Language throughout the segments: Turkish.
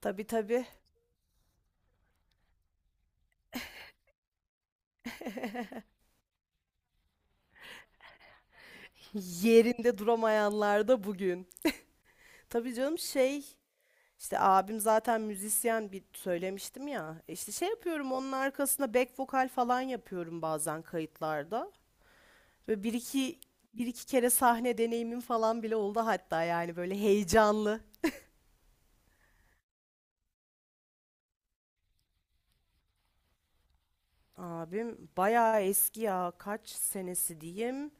Tabii tabii. Yerinde duramayanlar da bugün. Tabii canım şey işte abim zaten müzisyen bir söylemiştim ya. İşte şey yapıyorum onun arkasına back vokal falan yapıyorum bazen kayıtlarda. Ve bir iki kere sahne deneyimim falan bile oldu hatta yani böyle heyecanlı. Abim bayağı eski ya kaç senesi diyeyim.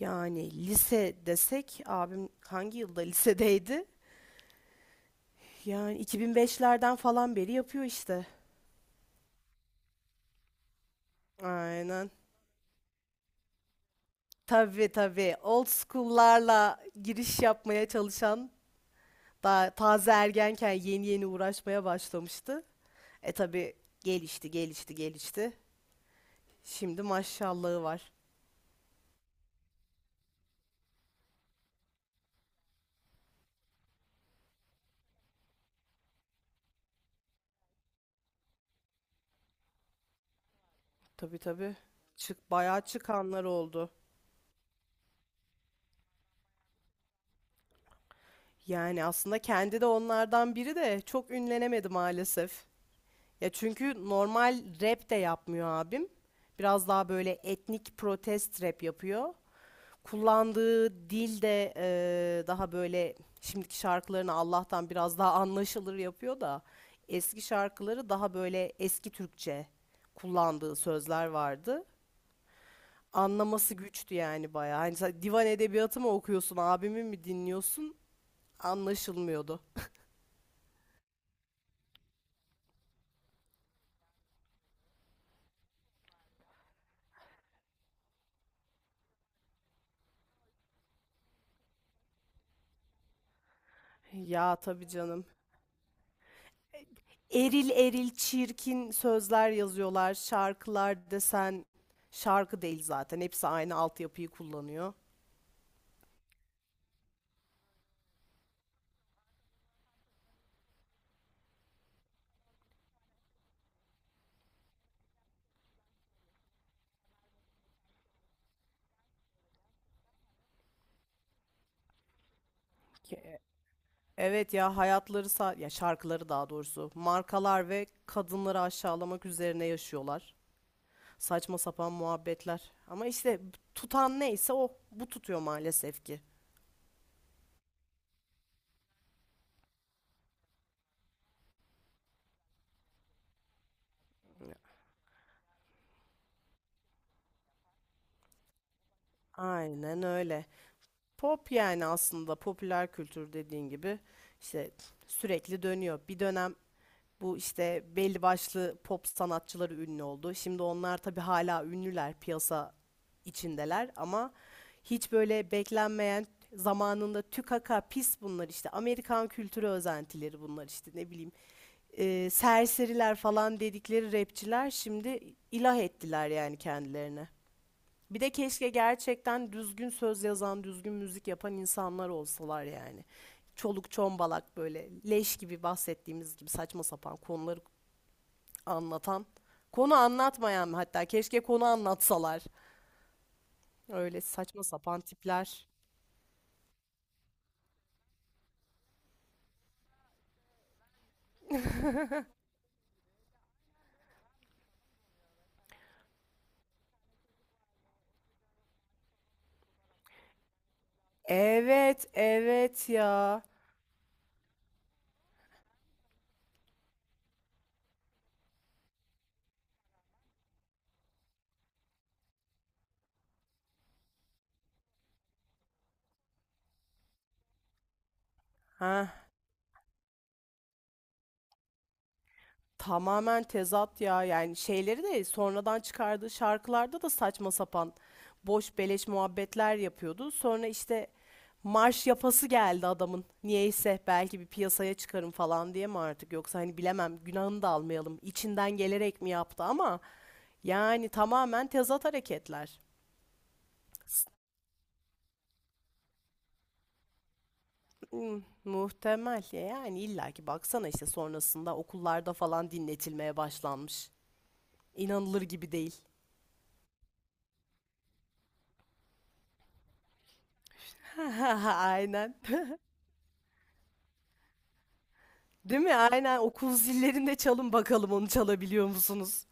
Yani lise desek abim hangi yılda lisedeydi? Yani 2005'lerden falan beri yapıyor işte. Aynen. Tabii tabii. Old school'larla giriş yapmaya çalışan daha taze ergenken yeni yeni uğraşmaya başlamıştı. Tabii gelişti, gelişti, gelişti. Şimdi maşallahı var. Tabii tabii. Bayağı çıkanlar oldu. Yani aslında kendi de onlardan biri de çok ünlenemedi maalesef. Ya çünkü normal rap de yapmıyor abim. Biraz daha böyle etnik protest rap yapıyor. Kullandığı dil de, daha böyle şimdiki şarkılarını Allah'tan biraz daha anlaşılır yapıyor da eski şarkıları daha böyle eski Türkçe kullandığı sözler vardı. Anlaması güçtü yani bayağı. Hani sen divan edebiyatı mı okuyorsun, abimi mi dinliyorsun? Anlaşılmıyordu. Ya tabii canım. Eril eril çirkin sözler yazıyorlar. Şarkılar desen şarkı değil zaten. Hepsi aynı altyapıyı kullanıyor. Ki- Evet ya ya şarkıları daha doğrusu markalar ve kadınları aşağılamak üzerine yaşıyorlar. Saçma sapan muhabbetler. Ama işte tutan neyse o bu tutuyor maalesef ki. Aynen öyle. Pop yani aslında popüler kültür dediğin gibi işte sürekli dönüyor. Bir dönem bu işte belli başlı pop sanatçıları ünlü oldu. Şimdi onlar tabii hala ünlüler, piyasa içindeler ama hiç böyle beklenmeyen zamanında tükaka pis bunlar işte. Amerikan kültürü özentileri bunlar işte ne bileyim. Serseriler falan dedikleri rapçiler şimdi ilah ettiler yani kendilerine. Bir de keşke gerçekten düzgün söz yazan, düzgün müzik yapan insanlar olsalar yani. Çoluk çombalak böyle leş gibi bahsettiğimiz gibi saçma sapan konuları anlatan. Konu anlatmayan hatta keşke konu anlatsalar. Öyle saçma sapan tipler. Evet, evet ya. Ha, tamamen tezat ya. Yani şeyleri de sonradan çıkardığı şarkılarda da saçma sapan boş beleş muhabbetler yapıyordu. Sonra işte marş yapası geldi adamın. Niyeyse belki bir piyasaya çıkarım falan diye mi artık yoksa hani bilemem günahını da almayalım. İçinden gelerek mi yaptı ama yani tamamen tezat hareketler. Muhtemel ya yani illaki baksana işte sonrasında okullarda falan dinletilmeye başlanmış. İnanılır gibi değil. Aynen. Değil mi? Aynen okul zillerinde çalın bakalım onu çalabiliyor musunuz?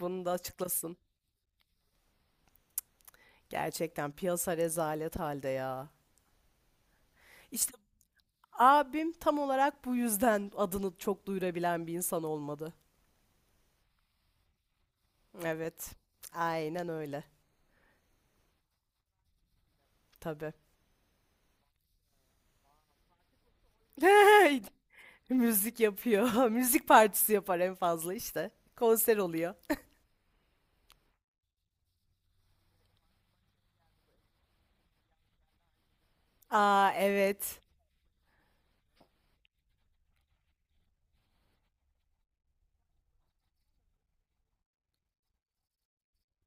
Bunu da açıklasın. Gerçekten piyasa rezalet halde ya. İşte abim tam olarak bu yüzden adını çok duyurabilen bir insan olmadı. Evet. Aynen öyle. Tabii. Müzik yapıyor. Müzik partisi yapar en fazla işte. Konser oluyor. Aa, evet.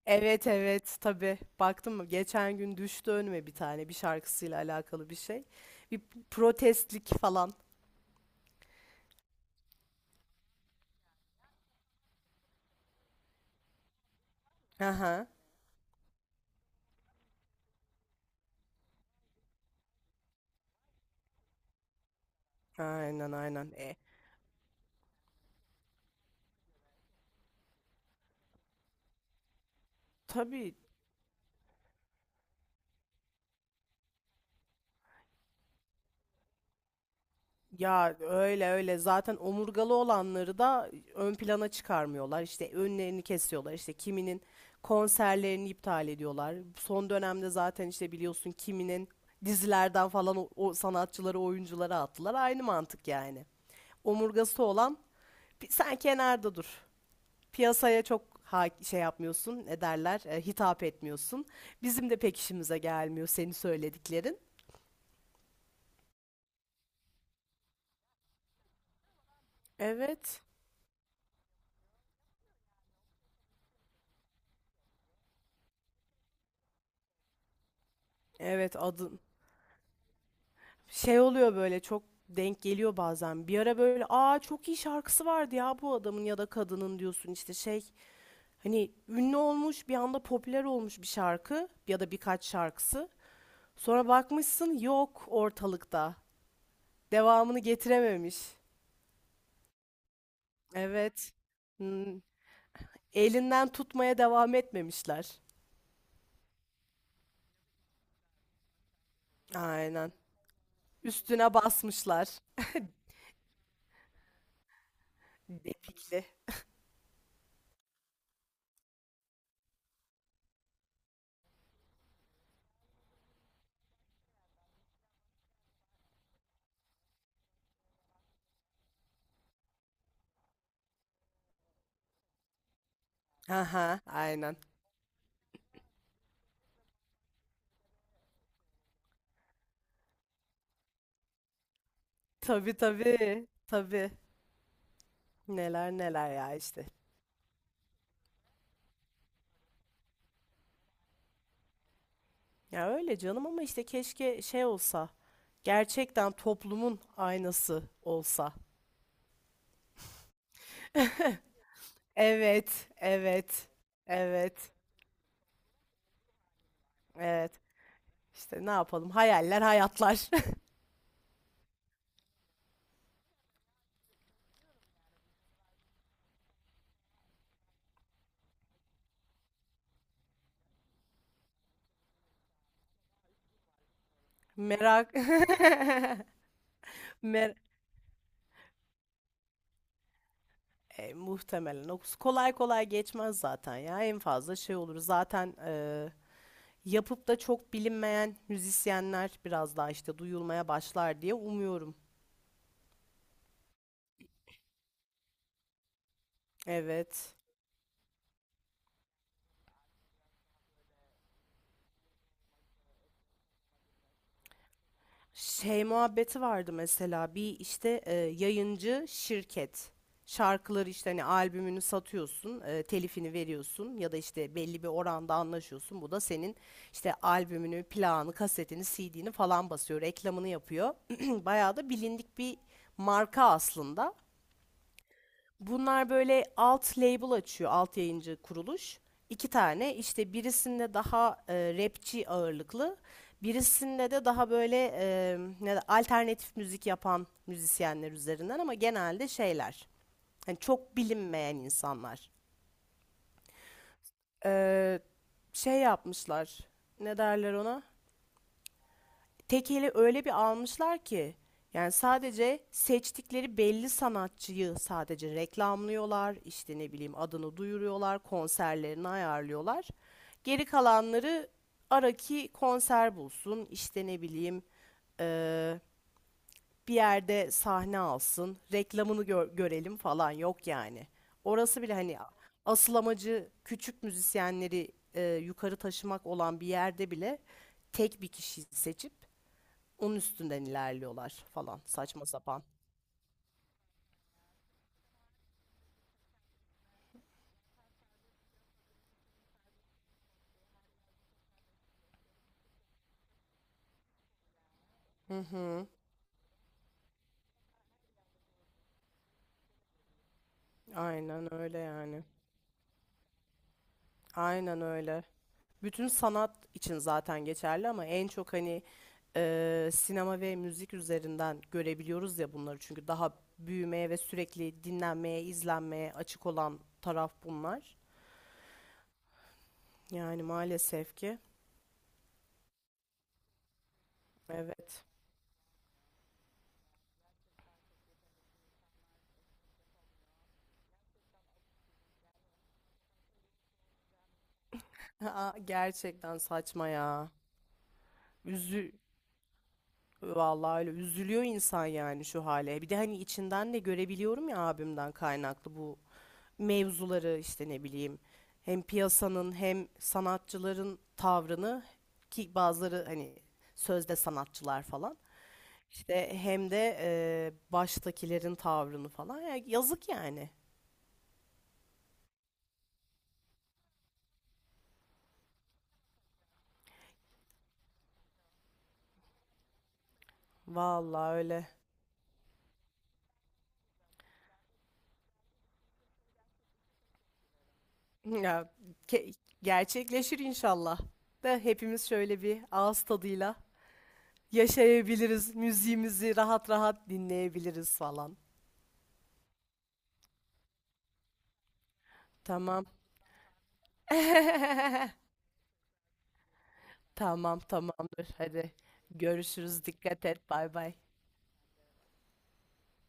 Evet evet tabii. Baktım mı? Geçen gün düştü önüme bir tane bir şarkısıyla alakalı bir şey. Bir protestlik falan. Aha. Aynen aynen. Tabii. Ya öyle öyle zaten omurgalı olanları da ön plana çıkarmıyorlar. İşte önlerini kesiyorlar. İşte kiminin konserlerini iptal ediyorlar. Son dönemde zaten işte biliyorsun kiminin dizilerden falan o sanatçıları, oyuncuları attılar. Aynı mantık yani. Omurgası olan, "Sen kenarda dur. Piyasaya çok şey yapmıyorsun, ne derler, hitap etmiyorsun. Bizim de pek işimize gelmiyor senin söylediklerin." Evet. Evet adı. Şey oluyor böyle çok denk geliyor bazen. Bir ara böyle aa çok iyi şarkısı vardı ya bu adamın ya da kadının diyorsun işte şey hani ünlü olmuş bir anda popüler olmuş bir şarkı ya da birkaç şarkısı. Sonra bakmışsın yok ortalıkta. Devamını getirememiş. Evet. Hmm. Elinden tutmaya devam etmemişler. Aynen. Üstüne basmışlar. Depikli. Aha, aynen. Tabii tabii. Tabii. Neler neler ya işte. Ya öyle canım ama işte keşke şey olsa. Gerçekten toplumun aynası olsa. Evet, evet, evet, evet. İşte ne yapalım? Hayaller, hayatlar. Merak, mer muhtemelen. O kolay kolay geçmez zaten ya. En fazla şey olur. Zaten yapıp da çok bilinmeyen müzisyenler biraz daha işte duyulmaya başlar diye umuyorum. Evet. Şey muhabbeti vardı mesela bir işte yayıncı şirket şarkıları işte hani albümünü satıyorsun telifini veriyorsun ya da işte belli bir oranda anlaşıyorsun bu da senin işte albümünü plağını kasetini CD'ni falan basıyor reklamını yapıyor bayağı da bilindik bir marka aslında. Bunlar böyle alt label açıyor, alt yayıncı kuruluş. İki tane işte birisinde daha rapçi ağırlıklı, birisinde de daha böyle ne alternatif müzik yapan müzisyenler üzerinden ama genelde şeyler. Hani çok bilinmeyen insanlar. Ee, şey yapmışlar. Ne derler ona? Tekeli öyle bir almışlar ki yani sadece seçtikleri belli sanatçıyı sadece reklamlıyorlar, işte ne bileyim adını duyuruyorlar, konserlerini ayarlıyorlar. Geri kalanları araki konser bulsun, işte ne bileyim eee, bir yerde sahne alsın, reklamını görelim falan yok yani. Orası bile hani asıl amacı küçük müzisyenleri yukarı taşımak olan bir yerde bile tek bir kişiyi seçip onun üstünden ilerliyorlar falan saçma sapan. Hı hı. Aynen öyle yani. Aynen öyle. Bütün sanat için zaten geçerli ama en çok hani sinema ve müzik üzerinden görebiliyoruz ya bunları. Çünkü daha büyümeye ve sürekli dinlenmeye, izlenmeye açık olan taraf bunlar. Yani maalesef ki evet. Aa, gerçekten saçma ya. Üzü, Vallahi öyle üzülüyor insan yani şu hale. Bir de hani içinden de görebiliyorum ya abimden kaynaklı bu mevzuları işte ne bileyim hem piyasanın hem sanatçıların tavrını ki bazıları hani sözde sanatçılar falan işte hem de baştakilerin tavrını falan. Ya yazık yani. Vallahi öyle. Ya ke- gerçekleşir inşallah. Da hepimiz şöyle bir ağız tadıyla yaşayabiliriz. Müziğimizi rahat rahat dinleyebiliriz falan. Tamam. Tamam tamamdır. Hadi görüşürüz. Dikkat et. Bay bay.